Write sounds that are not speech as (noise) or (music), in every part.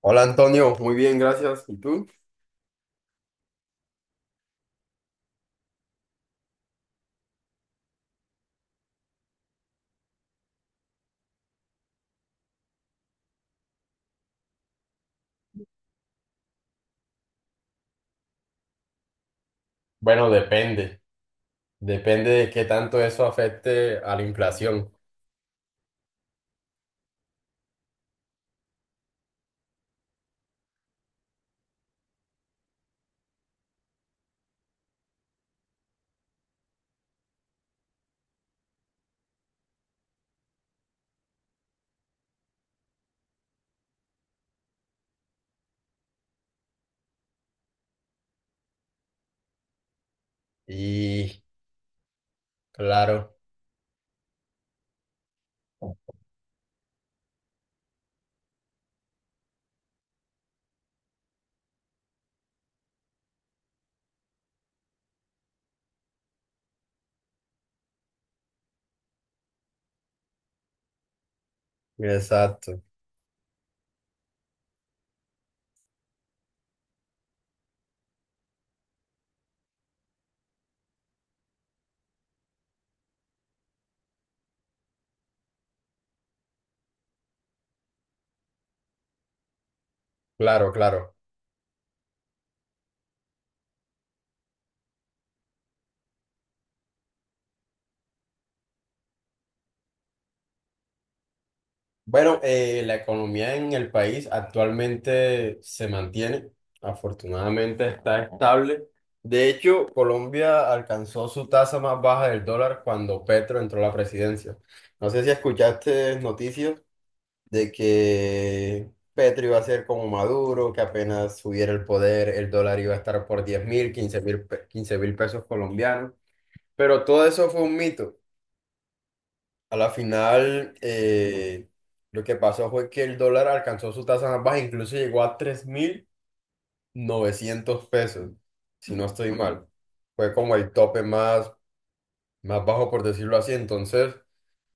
Hola Antonio, muy bien, gracias. ¿Y tú? Bueno, depende de qué tanto eso afecte a la inflación. Y claro, exacto, claro, claro. Bueno, la economía en el país actualmente se mantiene, afortunadamente está estable. De hecho, Colombia alcanzó su tasa más baja del dólar cuando Petro entró a la presidencia. No sé si escuchaste noticias de que Petro iba a ser como Maduro, que apenas subiera el poder, el dólar iba a estar por 10.000, quince mil pesos colombianos. Pero todo eso fue un mito. A la final, lo que pasó fue que el dólar alcanzó su tasa más baja, incluso llegó a 3.900 pesos, si no estoy mal. Fue como el tope más bajo por decirlo así. Entonces,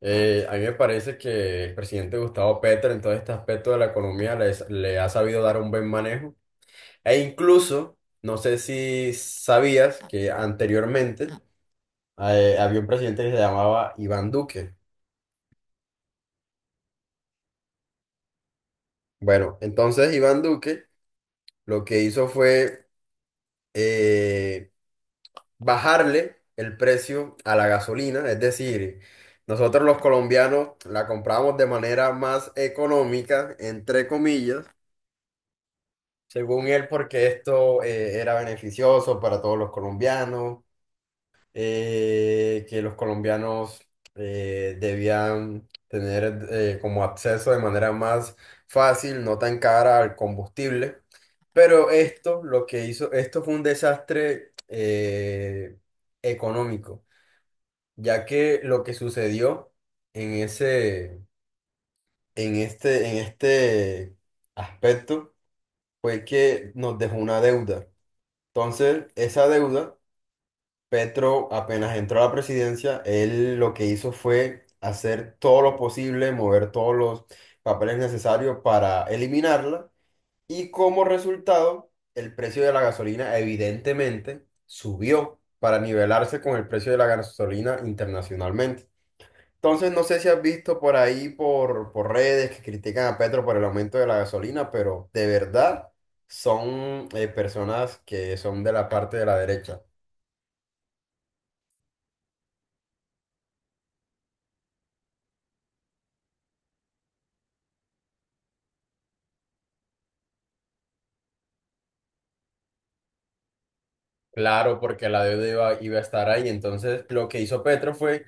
a mí me parece que el presidente Gustavo Petro en todo este aspecto de la economía le ha sabido dar un buen manejo. E incluso, no sé si sabías que anteriormente había un presidente que se llamaba Iván Duque. Bueno, entonces Iván Duque lo que hizo fue eh, bajarle el precio a la gasolina, es decir, nosotros los colombianos la compramos de manera más económica, entre comillas, según él, porque esto era beneficioso para todos los colombianos, que los colombianos debían tener como acceso de manera más fácil, no tan cara al combustible. Pero esto, lo que hizo, esto fue un desastre económico, ya que lo que sucedió en ese, en este aspecto fue que nos dejó una deuda. Entonces, esa deuda, Petro, apenas entró a la presidencia, él lo que hizo fue hacer todo lo posible, mover todos los papeles necesarios para eliminarla, y como resultado, el precio de la gasolina evidentemente subió para nivelarse con el precio de la gasolina internacionalmente. Entonces, no sé si has visto por ahí, por redes, que critican a Petro por el aumento de la gasolina, pero de verdad son personas que son de la parte de la derecha. Claro, porque la deuda iba a estar ahí. Entonces, lo que hizo Petro fue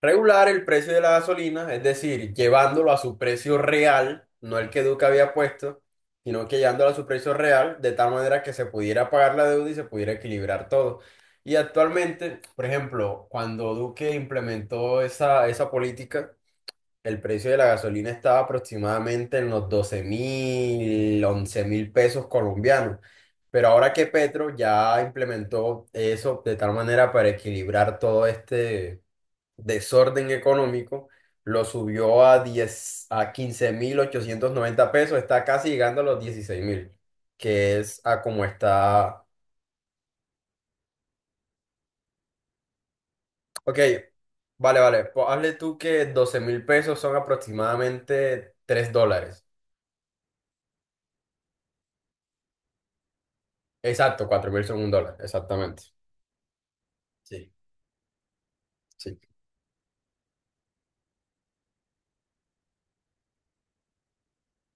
regular el precio de la gasolina, es decir, llevándolo a su precio real, no el que Duque había puesto, sino que llevándolo a su precio real, de tal manera que se pudiera pagar la deuda y se pudiera equilibrar todo. Y actualmente, por ejemplo, cuando Duque implementó esa política, el precio de la gasolina estaba aproximadamente en los 12.000, 11.000 pesos colombianos. Pero ahora que Petro ya implementó eso de tal manera para equilibrar todo este desorden económico, lo subió a 15.890 pesos, está casi llegando a los 16.000, que es a como está. Ok, vale, vale, pues hazle tú que 12.000 pesos son aproximadamente 3 dólares. Exacto, 4.000 son un dólar, exactamente. Sí, sí.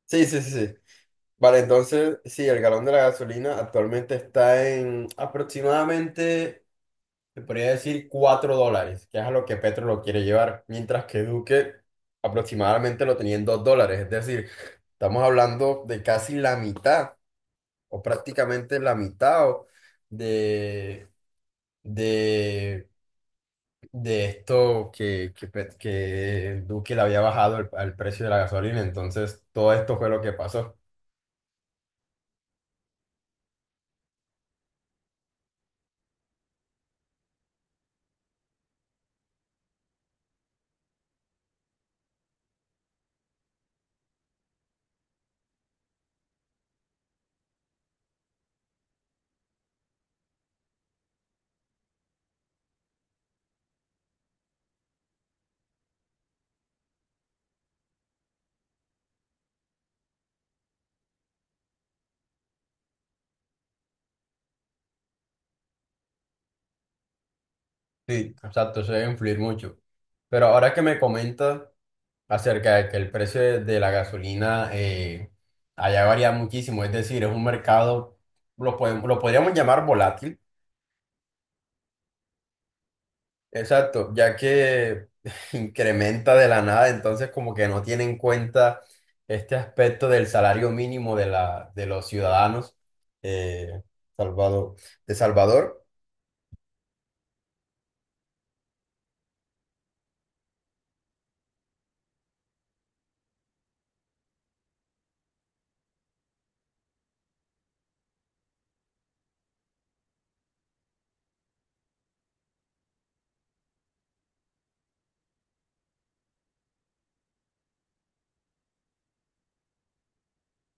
Sí, sí, sí, sí. Vale, entonces, sí, el galón de la gasolina actualmente está en aproximadamente, se podría decir, 4 dólares, que es a lo que Petro lo quiere llevar, mientras que Duque aproximadamente lo tenía en 2 dólares, es decir, estamos hablando de casi la mitad, o prácticamente la mitad o- de, de, de esto que Duque le había bajado el- al precio de la gasolina, entonces todo esto fue lo que pasó. Sí, exacto, eso debe influir mucho. Pero ahora que me comentas acerca de que el precio de la gasolina allá varía muchísimo, es decir, es un mercado, lo podríamos llamar volátil, exacto, ya que (laughs) incrementa de la nada, entonces como que no tiene en cuenta este aspecto del salario mínimo de los ciudadanos eh, Salvador, de Salvador,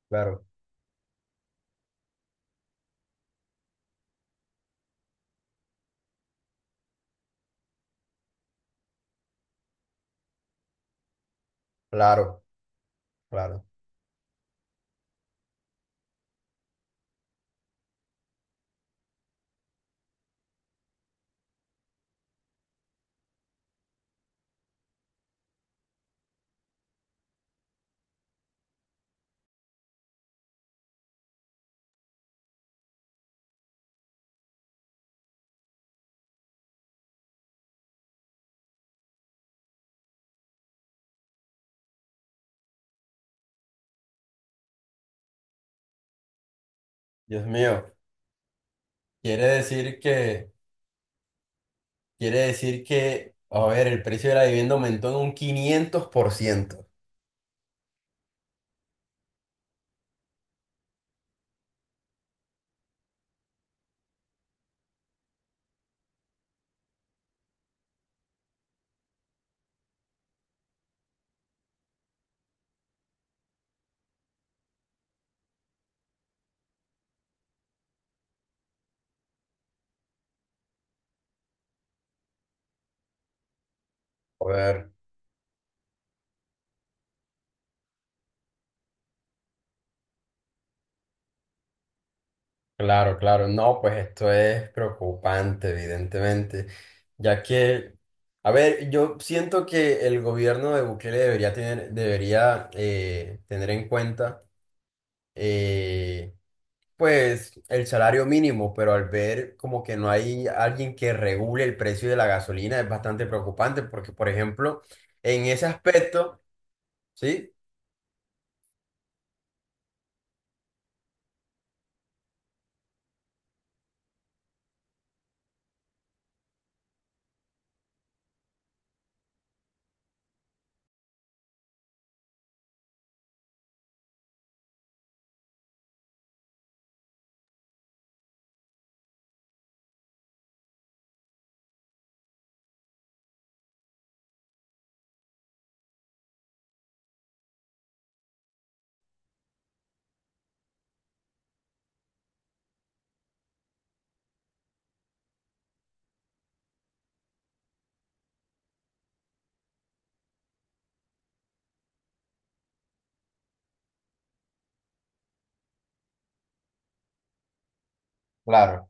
Claro, claro, claro, Dios mío, quiere decir que... Quiere decir que, a ver, el precio de la vivienda aumentó en un 500%. Joder, claro, claro. No, pues esto es preocupante, evidentemente, ya que, a ver, yo siento que el gobierno de Bukele debería tener en cuenta, eh, pues, el salario mínimo, pero al ver como que no hay alguien que regule el precio de la gasolina es bastante preocupante, porque, por ejemplo, en ese aspecto, sí, claro,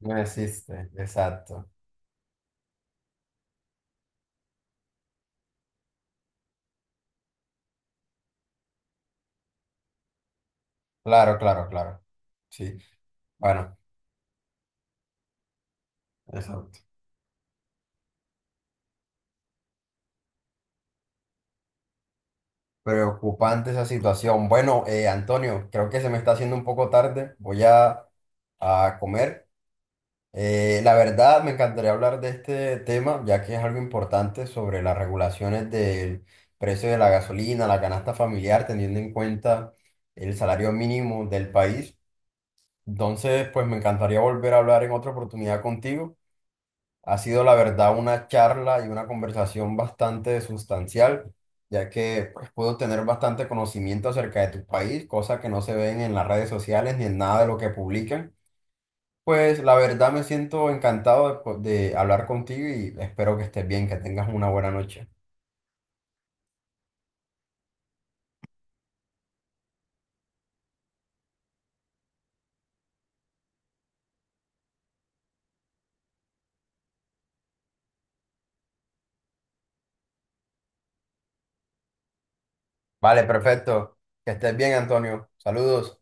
no existe, exacto, claro, claro, claro, sí. Bueno. Exacto. Preocupante esa situación. Bueno, Antonio, creo que se me está haciendo un poco tarde. Voy a comer. La verdad, me encantaría hablar de este tema, ya que es algo importante sobre las regulaciones del precio de la gasolina, la canasta familiar, teniendo en cuenta el salario mínimo del país. Entonces, pues me encantaría volver a hablar en otra oportunidad contigo. Ha sido la verdad una charla y una conversación bastante sustancial, ya que pues, puedo tener bastante conocimiento acerca de tu país, cosas que no se ven en las redes sociales ni en nada de lo que publican. Pues la verdad me siento encantado de hablar contigo y espero que estés bien, que tengas una buena noche. Vale, perfecto. Que estés bien, Antonio. Saludos.